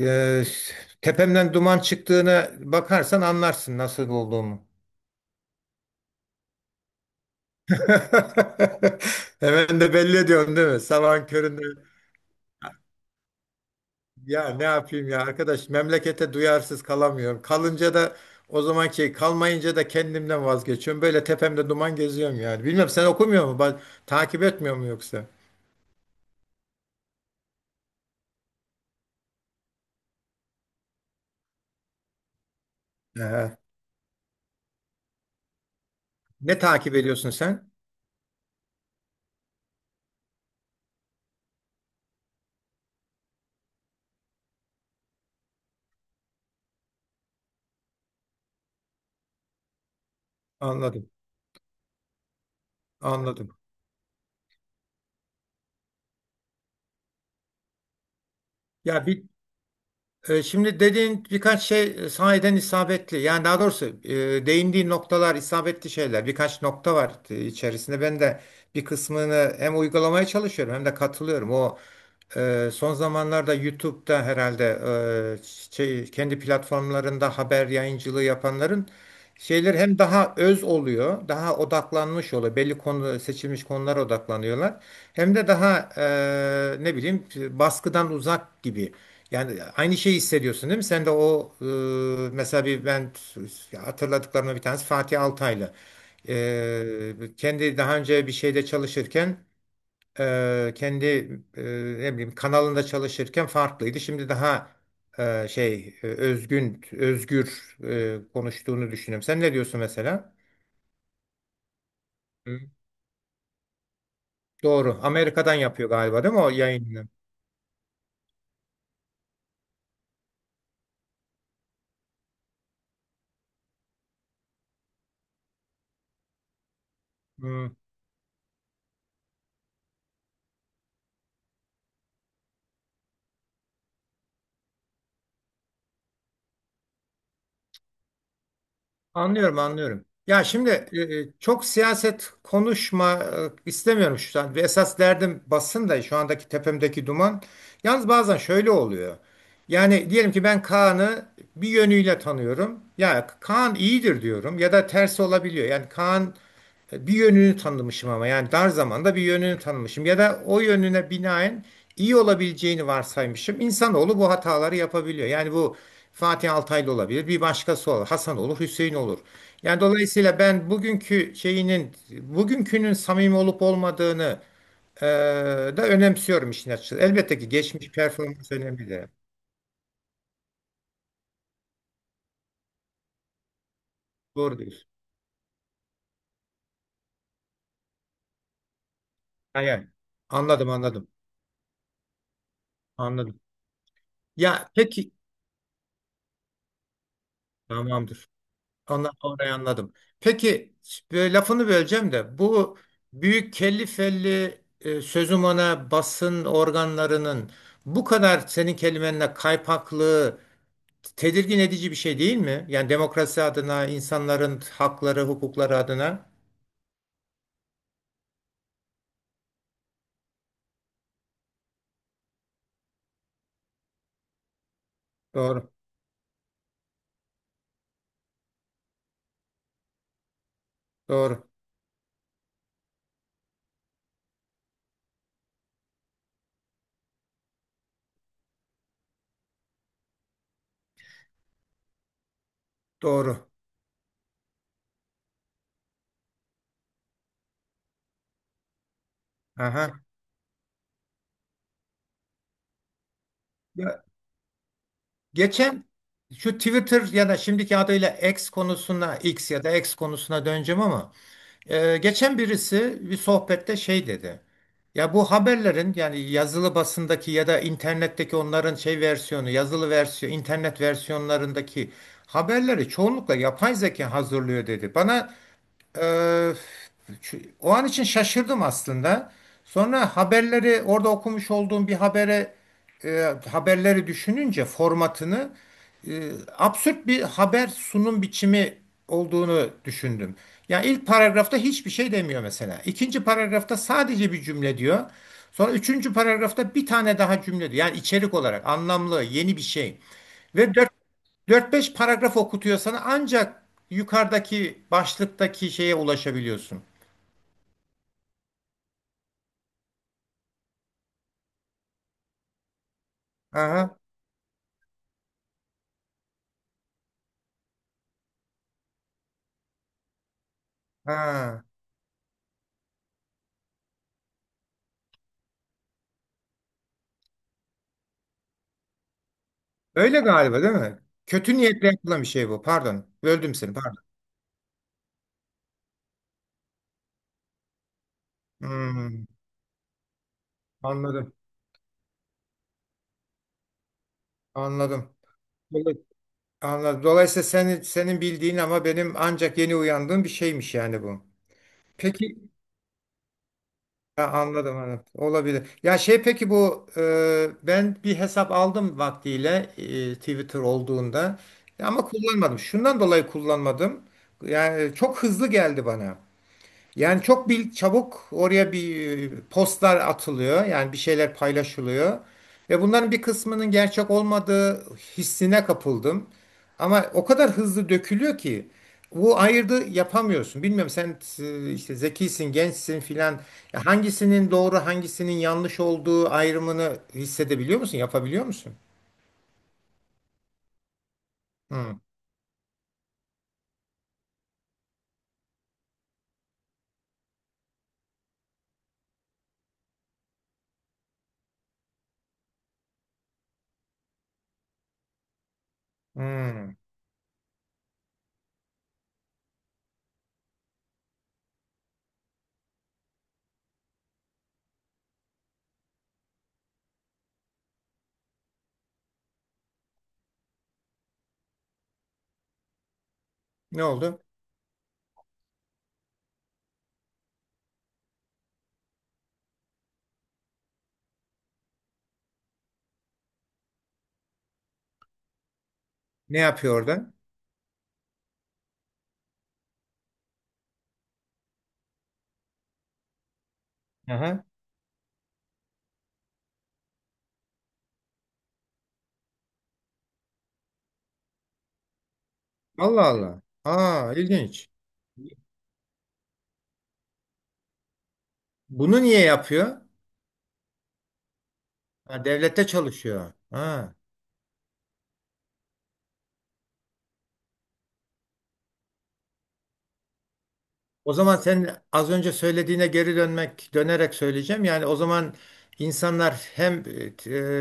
Ee, Tepemden duman çıktığına bakarsan anlarsın nasıl olduğumu. Hemen de belli ediyorum değil mi? Sabahın köründe ya ne yapayım ya arkadaş memlekete duyarsız kalamıyorum. Kalınca da o zaman zamanki kalmayınca da kendimden vazgeçiyorum. Böyle tepemde duman geziyorum yani. Bilmem sen okumuyor mu? Takip etmiyor mu yoksa? Ee, Ne takip ediyorsun sen? Anladım. Anladım. Ya bir Şimdi dediğin birkaç şey sahiden isabetli. Yani daha doğrusu değindiği noktalar isabetli şeyler. Birkaç nokta var içerisinde. Ben de bir kısmını hem uygulamaya çalışıyorum hem de katılıyorum. O son zamanlarda YouTube'da herhalde e, şey, kendi platformlarında haber yayıncılığı yapanların şeyler hem daha öz oluyor, daha odaklanmış oluyor. Belli konu seçilmiş konulara odaklanıyorlar. Hem de daha ne bileyim baskıdan uzak gibi. Yani aynı şeyi hissediyorsun değil mi? Sen de o mesela bir ben ya hatırladıklarımda bir tanesi Fatih Altaylı. Kendi daha önce bir şeyde çalışırken kendi e, ne bileyim kanalında çalışırken farklıydı. Şimdi daha şey özgün özgür konuştuğunu düşünüyorum. Sen ne diyorsun mesela? Hı. Doğru. Amerika'dan yapıyor galiba değil mi o yayını? Hı. Anlıyorum, anlıyorum. Ya şimdi çok siyaset konuşma istemiyorum şu an. Esas derdim basın da şu andaki tepemdeki duman. Yalnız bazen şöyle oluyor. Yani diyelim ki ben Kaan'ı bir yönüyle tanıyorum. Ya Kaan iyidir diyorum ya da tersi olabiliyor. Yani Kaan bir yönünü tanımışım ama yani dar zamanda bir yönünü tanımışım ya da o yönüne binaen iyi olabileceğini varsaymışım. İnsanoğlu bu hataları yapabiliyor. Yani bu Fatih Altaylı olabilir, bir başkası olur, Hasan olur, Hüseyin olur. Yani dolayısıyla ben bugünkü şeyinin, bugünkünün samimi olup olmadığını e, da önemsiyorum işin açıkçası. Elbette ki geçmiş performans önemli de. Doğru diyorsun. Ha, yani, anladım, anladım, anladım. Ya peki, tamamdır. Ondan orayı anladım. Peki böyle lafını böleceğim de bu büyük kelli felli sözüm ona basın organlarının bu kadar senin kelimenle kaypaklığı tedirgin edici bir şey değil mi? Yani demokrasi adına, insanların hakları, hukukları adına. Doğru, doğru, doğru. Aha. Ya, geçen şu Twitter ya da şimdiki adıyla X konusuna, X ya da X konusuna döneceğim ama geçen birisi bir sohbette şey dedi. Ya bu haberlerin yani yazılı basındaki ya da internetteki onların şey versiyonu, yazılı versiyon, internet versiyonlarındaki haberleri çoğunlukla yapay zeka hazırlıyor dedi. Bana ee, o an için şaşırdım aslında. Sonra haberleri orada okumuş olduğum bir habere haberleri düşününce formatını e, absürt bir haber sunum biçimi olduğunu düşündüm. Ya ilk paragrafta hiçbir şey demiyor mesela. İkinci paragrafta sadece bir cümle diyor. Sonra üçüncü paragrafta bir tane daha cümle diyor. Yani içerik olarak anlamlı, yeni bir şey. Ve 4-5 paragraf okutuyor sana ancak yukarıdaki başlıktaki şeye ulaşabiliyorsun. Aha, ha. Öyle galiba değil mi? Kötü niyetle yapılan bir şey bu. Pardon. Böldüm seni. Pardon. Hmm, anladım. Anladım. Dolay- Anladım. Dolayısıyla senin bildiğin ama benim ancak yeni uyandığım bir şeymiş yani bu. Peki ha, anladım anladım. Olabilir. Ya şey peki bu ben bir hesap aldım vaktiyle Twitter olduğunda ya ama kullanmadım. Şundan dolayı kullanmadım. Yani çok hızlı geldi bana. Yani çok bir çabuk oraya bir postlar atılıyor. Yani bir şeyler paylaşılıyor. Ve bunların bir kısmının gerçek olmadığı hissine kapıldım. Ama o kadar hızlı dökülüyor ki bu ayırdı yapamıyorsun. Bilmiyorum sen işte zekisin, gençsin filan. Ya hangisinin doğru, hangisinin yanlış olduğu ayrımını hissedebiliyor musun? Yapabiliyor musun? Hı, hı. Ne oldu? Ne yapıyor orada? Aha. Allah Allah. Aa, ilginç. Bunu niye yapıyor? Ha, devlette çalışıyor. Ha. O zaman sen az önce söylediğine geri dönmek, dönerek söyleyeceğim. Yani o zaman insanlar hem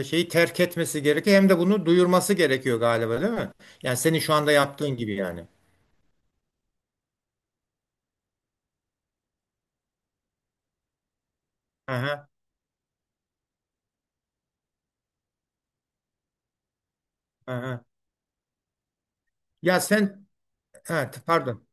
şeyi terk etmesi gerekiyor hem de bunu duyurması gerekiyor galiba değil mi? Yani senin şu anda yaptığın gibi yani. Aha, aha. Ya sen, evet, pardon.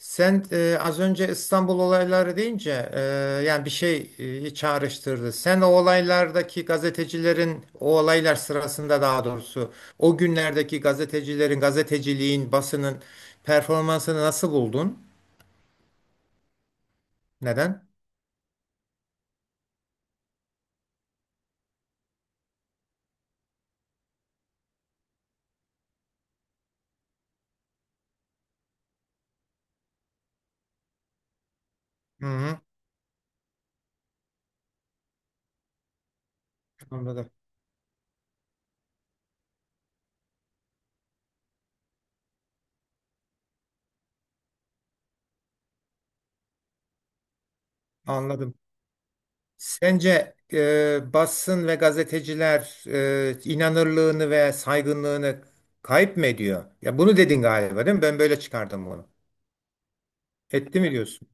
Sen az önce İstanbul olayları deyince yani bir şey çağrıştırdı. Sen o olaylardaki gazetecilerin o olaylar sırasında daha doğrusu o günlerdeki gazetecilerin gazeteciliğin basının performansını nasıl buldun? Neden? Hı hı, anladım. Anladım. Sence basın ve gazeteciler inanırlığını ve saygınlığını kayıp mı ediyor? Ya bunu dedin galiba değil mi? Ben böyle çıkardım bunu. Etti mi diyorsun?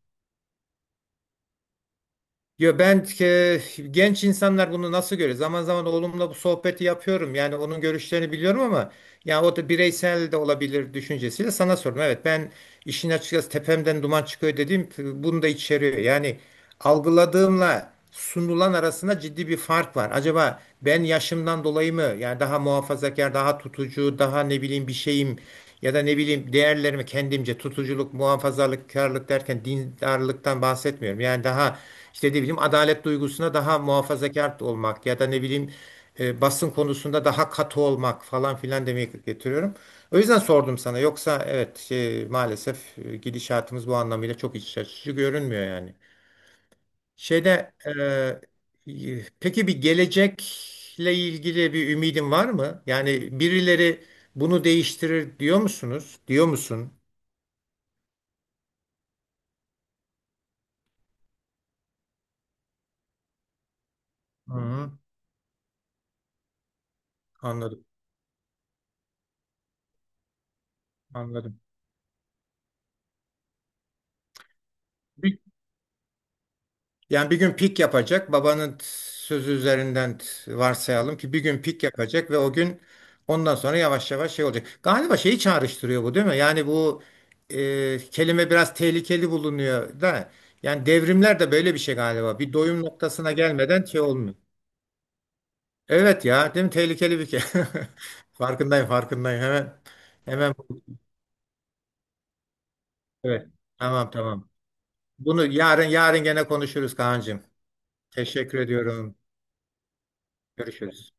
Yo ben genç insanlar bunu nasıl görüyor? Zaman zaman oğlumla bu sohbeti yapıyorum. Yani onun görüşlerini biliyorum ama ya o da bireysel de olabilir düşüncesiyle sana sordum. Evet ben işin açıkçası tepemden duman çıkıyor dediğim bunu da içeriyor. Yani algıladığımla sunulan arasında ciddi bir fark var. Acaba ben yaşımdan dolayı mı yani daha muhafazakar, daha tutucu, daha ne bileyim bir şeyim ya da ne bileyim değerlerimi kendimce tutuculuk, muhafazakarlık derken dindarlıktan bahsetmiyorum. Yani daha işte ne bileyim adalet duygusuna daha muhafazakar olmak ya da ne bileyim basın konusunda daha katı olmak falan filan demeye getiriyorum. O yüzden sordum sana. Yoksa evet şey, maalesef gidişatımız bu anlamıyla çok iç açıcı görünmüyor yani. Şeyde peki bir gelecekle ilgili bir ümidin var mı? Yani birileri bunu değiştirir diyor musunuz? Diyor musun? Hı, anladım, anladım. Bir- Yani bir gün pik yapacak. Sözü üzerinden varsayalım ki bir gün pik yapacak ve o gün ondan sonra yavaş yavaş şey olacak. Galiba şeyi çağrıştırıyor bu değil mi? Yani bu kelime biraz tehlikeli bulunuyor da. Yani devrimler de böyle bir şey galiba. Bir doyum noktasına gelmeden şey olmuyor. Evet ya, değil mi? Tehlikeli bir ke. Farkındayım, farkındayım. Hemen evet. Tamam, tamam. Bunu yarın gene konuşuruz Kaan'cığım. Teşekkür ediyorum. Görüşürüz.